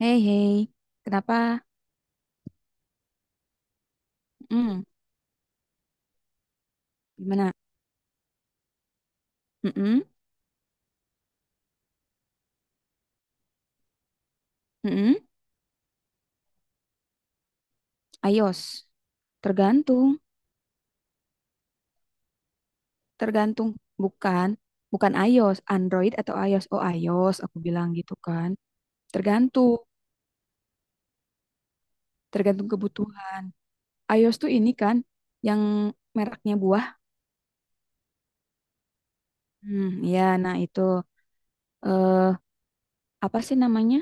Hei, hei, kenapa? Mm, Gimana? Mm-mm, mm-mm, iOS. Tergantung, tergantung. Bukan, bukan iOS, Android atau iOS. Oh, iOS, aku bilang gitu kan. Tergantung, tergantung kebutuhan. iOS tuh ini kan, yang mereknya buah. Hmm, ya, nah itu. Eh, Apa sih namanya?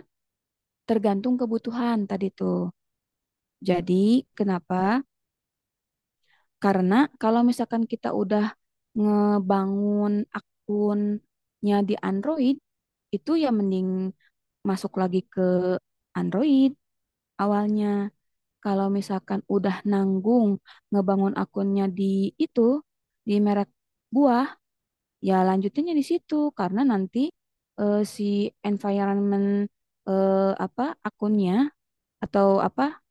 Tergantung kebutuhan tadi tuh. Jadi, kenapa? Karena kalau misalkan kita udah ngebangun akunnya di Android, itu ya mending masuk lagi ke Android awalnya. Kalau misalkan udah nanggung ngebangun akunnya di itu, di merek buah, ya lanjutinnya di situ. Karena nanti si environment apa akunnya atau apa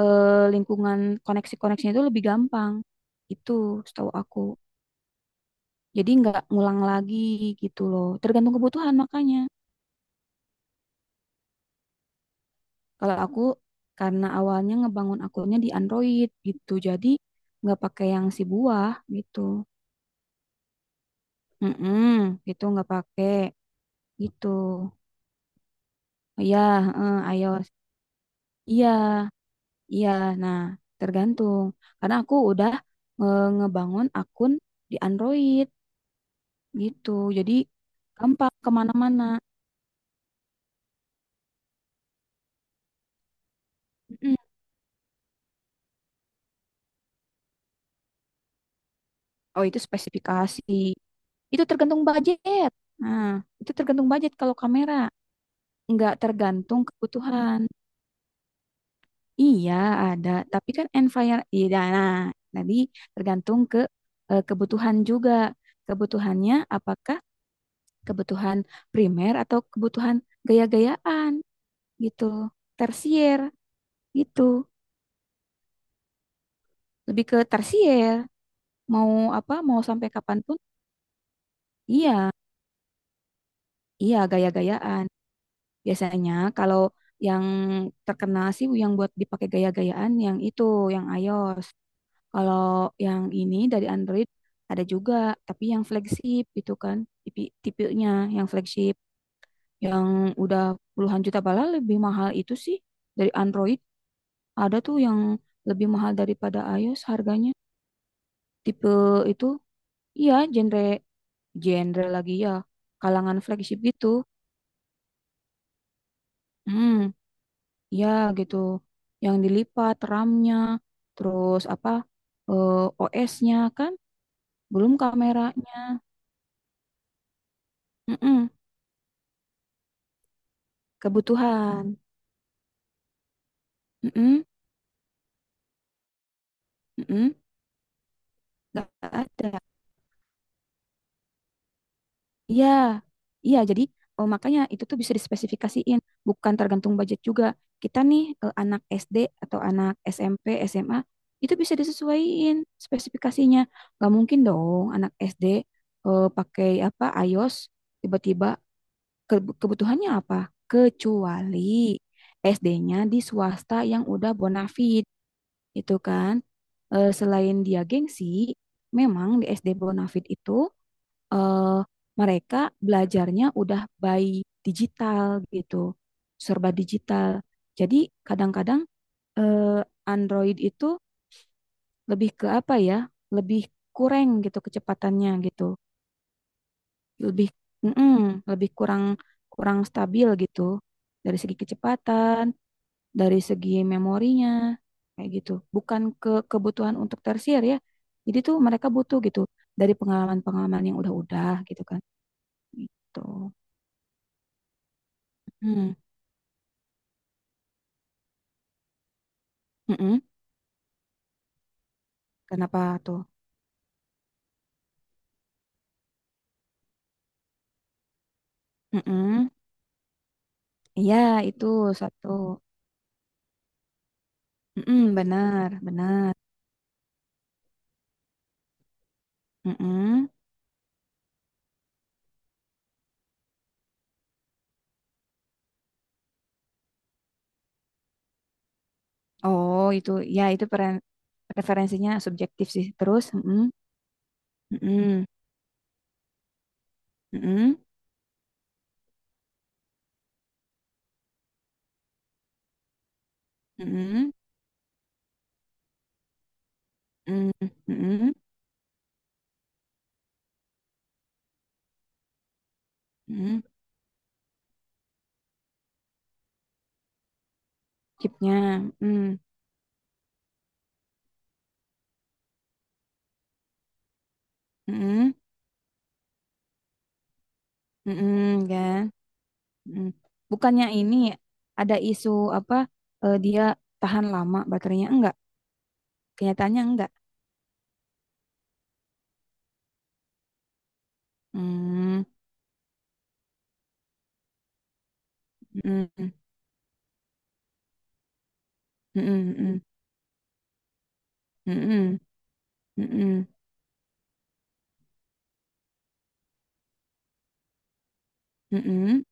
lingkungan koneksi-koneksinya itu lebih gampang. Itu setahu aku. Jadi nggak ngulang lagi gitu loh. Tergantung kebutuhan makanya. Kalau aku karena awalnya ngebangun akunnya di Android gitu. Jadi nggak pakai yang si buah gitu. Mm-mm, gitu nggak pakai gitu. Iya, heeh, iOS. Iya, iya. Nah, tergantung. Karena aku udah ngebangun akun di Android gitu. Jadi gampang kemana-mana. mm Oh, itu spesifikasi. Itu tergantung budget. Nah, itu tergantung budget kalau kamera. Nggak tergantung kebutuhan. Iya, ada. Tapi kan environment, iya, nah, tadi tergantung ke kebutuhan juga. Kebutuhannya apakah kebutuhan primer atau kebutuhan gaya-gayaan gitu. Tersier gitu. Lebih ke tersier. Mau apa, mau sampai kapanpun, iya, iya gaya-gayaan. Biasanya kalau yang terkenal sih yang buat dipakai gaya-gayaan yang itu, yang iOS. Kalau yang ini dari Android ada juga, tapi yang flagship itu kan, tipe tipenya yang flagship yang udah puluhan juta bala lebih mahal itu sih dari Android. Ada tuh yang lebih mahal daripada iOS harganya. Tipe itu, iya genre genre lagi ya, kalangan flagship gitu. Hmm. Ya gitu, yang dilipat RAM-nya, terus apa OS-nya kan, belum kameranya. Mm-mm, kebutuhan. Mm-mm, mm-mm, nggak ada. Iya, iya. Jadi makanya itu tuh bisa dispesifikasiin, bukan tergantung budget juga. Kita nih anak SD atau anak SMP, SMA itu bisa disesuaiin spesifikasinya. Gak mungkin dong anak SD pakai apa iOS tiba-tiba. Kebutuhannya apa? Kecuali SD-nya di swasta yang udah bonafit, itu kan. Selain dia gengsi, memang di SD bonafit itu eh, mereka belajarnya udah by digital gitu, serba digital. Jadi kadang-kadang eh, Android itu lebih ke apa ya? Lebih kurang gitu kecepatannya gitu. Lebih, mm-mm, lebih kurang kurang stabil gitu dari segi kecepatan, dari segi memorinya kayak gitu. Bukan ke kebutuhan untuk tersier ya. Jadi tuh mereka butuh gitu dari pengalaman-pengalaman yang udah-udah gitu kan. Gitu. Mm, mm-mm. Kenapa tuh? Mm-mm. Iya, itu satu. Mm-mm, benar, benar. Mm-mm. Oh, itu ya itu referensinya subjektif sih. Terus, mm-mm, mm-mm, mm-mm, mm-mm. Mmm, mhm mhm, chipnya mmm, mhm mhm, kan, mhm. Bukannya ini ada isu apa, dia tahan lama baterainya, enggak? Kenyataannya enggak? Mmm, mhm mhm mhm mhm mhm mhm,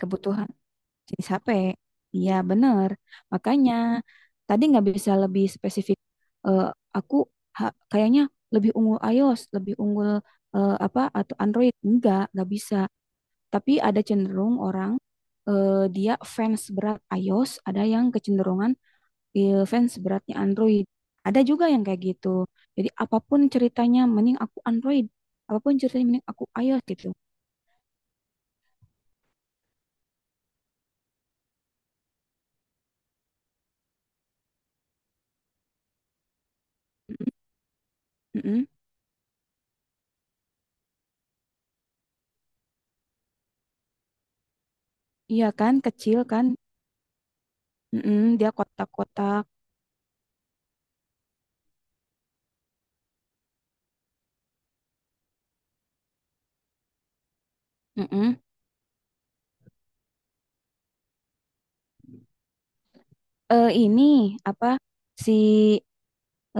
kebutuhan jenis HP. Iya bener, makanya tadi nggak bisa lebih spesifik, eee, aku ha kayaknya lebih unggul iOS, lebih unggul, apa, atau Android, enggak, nggak bisa. Tapi ada cenderung orang dia fans berat iOS, ada yang kecenderungan fans beratnya Android. Ada juga yang kayak gitu. Jadi apapun ceritanya mending aku Android, apapun ceritanya mending aku iOS gitu. Mm-mm, mm-mm. Iya kan, kecil kan. Mm-mm, dia kotak-kotak. Mm-mm. Ini apa si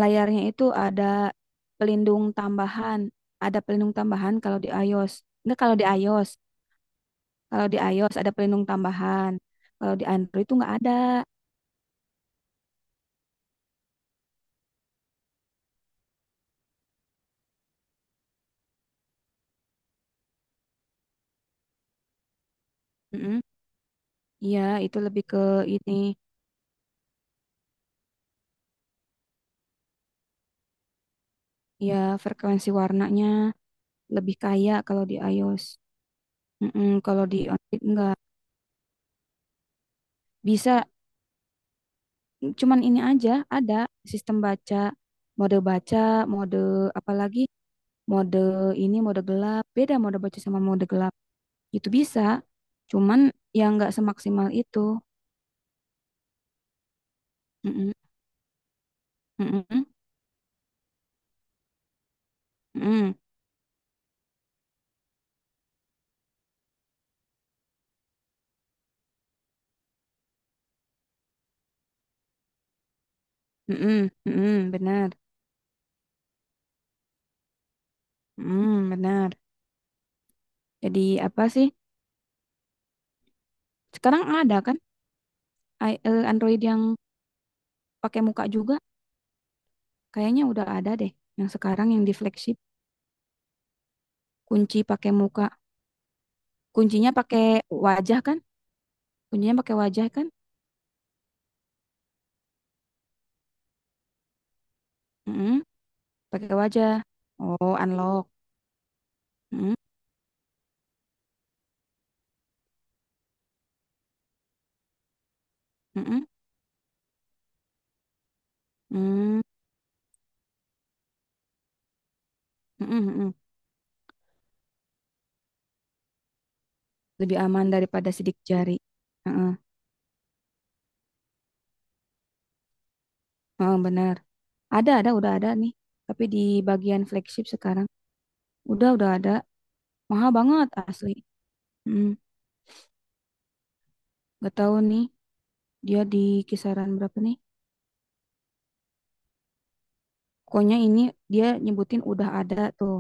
layarnya itu pelindung tambahan, ada pelindung tambahan kalau di iOS. Enggak kalau di iOS. Kalau di iOS ada pelindung tambahan. Kalau di Android itu nggak ada. Mm-mm. Iya, itu lebih ke ini. Ya, frekuensi warnanya lebih kaya kalau di iOS. Mm-mm, kalau di Android nggak. Bisa, cuman ini aja ada sistem baca, mode apalagi mode ini, mode gelap. Beda mode baca sama mode gelap. Itu bisa, cuman yang nggak semaksimal itu. Mm-mm, mm-mm, mm-mm, mm-mm, mm-mm, benar. Hmm, benar. Jadi apa sih? Sekarang ada kan Android yang pakai muka juga? Kayaknya udah ada deh. Yang sekarang yang di flagship kunci pakai muka. Kuncinya pakai wajah kan? Kuncinya pakai wajah kan? Mm-mm, pakai wajah. Oh, unlock. Mm-mm, mm-mm, mm, mm-mm, mm-mm. Lebih aman daripada sidik jari. Mm-mm, mm, benar. Ada, udah ada nih. Tapi di bagian flagship sekarang udah ada. Mahal banget asli. Mm, gak tahu nih dia di kisaran berapa nih? Pokoknya ini dia nyebutin udah ada tuh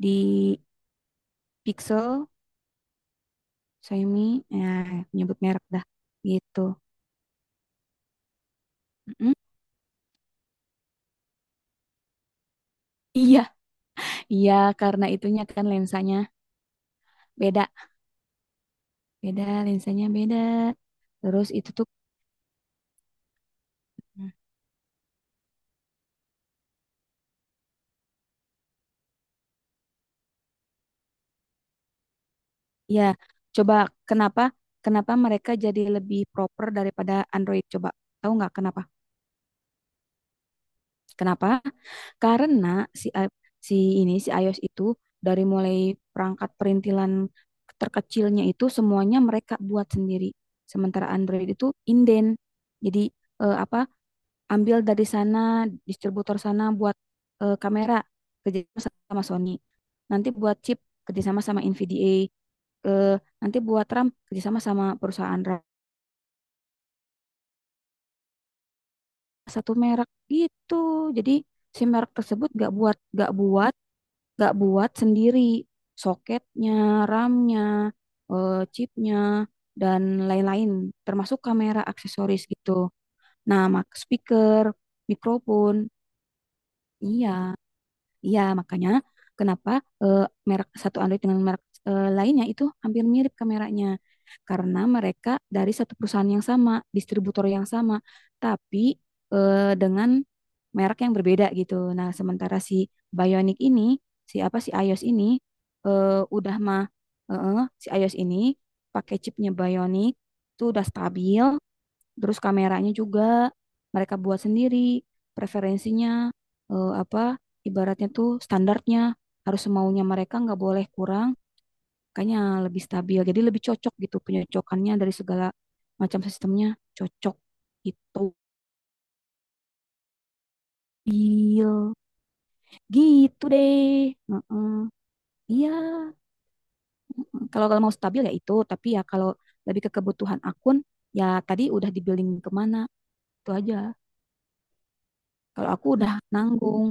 di Pixel, Xiaomi, nah nyebut merek dah gitu. Mm-mm. Iya, iya karena itunya kan lensanya beda, beda lensanya beda. Terus itu tuh. Hmm. Ya coba, kenapa kenapa mereka jadi lebih proper daripada Android coba. Tahu nggak kenapa? Kenapa? Karena si i- si si iOS itu dari mulai perangkat perintilan terkecilnya itu semuanya mereka buat sendiri. Sementara Android itu inden. Jadi apa ambil dari sana distributor sana buat kamera kerjasama sama Sony. Nanti buat chip kerjasama sama NVDA. Eh, Nanti buat RAM kerjasama sama perusahaan RAM satu merek gitu. Jadi si merek tersebut gak buat nggak buat sendiri soketnya, ramnya chipnya, dan lain-lain, termasuk kamera aksesoris gitu. Nah, mak speaker, mikrofon, iya. Iya, makanya kenapa eh, merek satu Android dengan merek lainnya itu hampir mirip kameranya. Karena mereka dari satu perusahaan yang sama, distributor yang sama, tapi dengan merek yang berbeda gitu. Nah, sementara si Bionic ini, si apa si iOS ini eh, udah mah, si iOS ini pakai chipnya Bionic itu udah stabil. Terus kameranya juga mereka buat sendiri, preferensinya apa ibaratnya tuh standarnya harus semaunya mereka nggak boleh kurang, kayaknya lebih stabil. Jadi lebih cocok gitu penyocokannya dari segala macam sistemnya cocok gitu. Stabil. Gitu deh. Heeh. Iya. Heeh. Kalau kalau mau stabil ya itu, tapi ya kalau lebih ke kebutuhan akun ya tadi udah di building kemana itu aja. Kalau aku udah nanggung.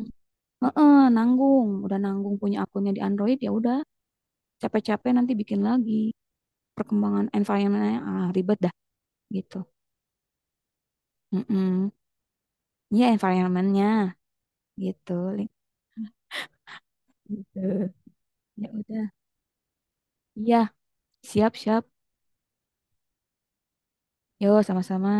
Heeh, nanggung, udah nanggung punya akunnya di Android ya udah capek-capek nanti bikin lagi perkembangan environmentnya ah ribet dah gitu. Mm-mm. Ya environmentnya gitu. Link. Gitu. Ya udah. Iya, siap-siap. Yo, sama-sama.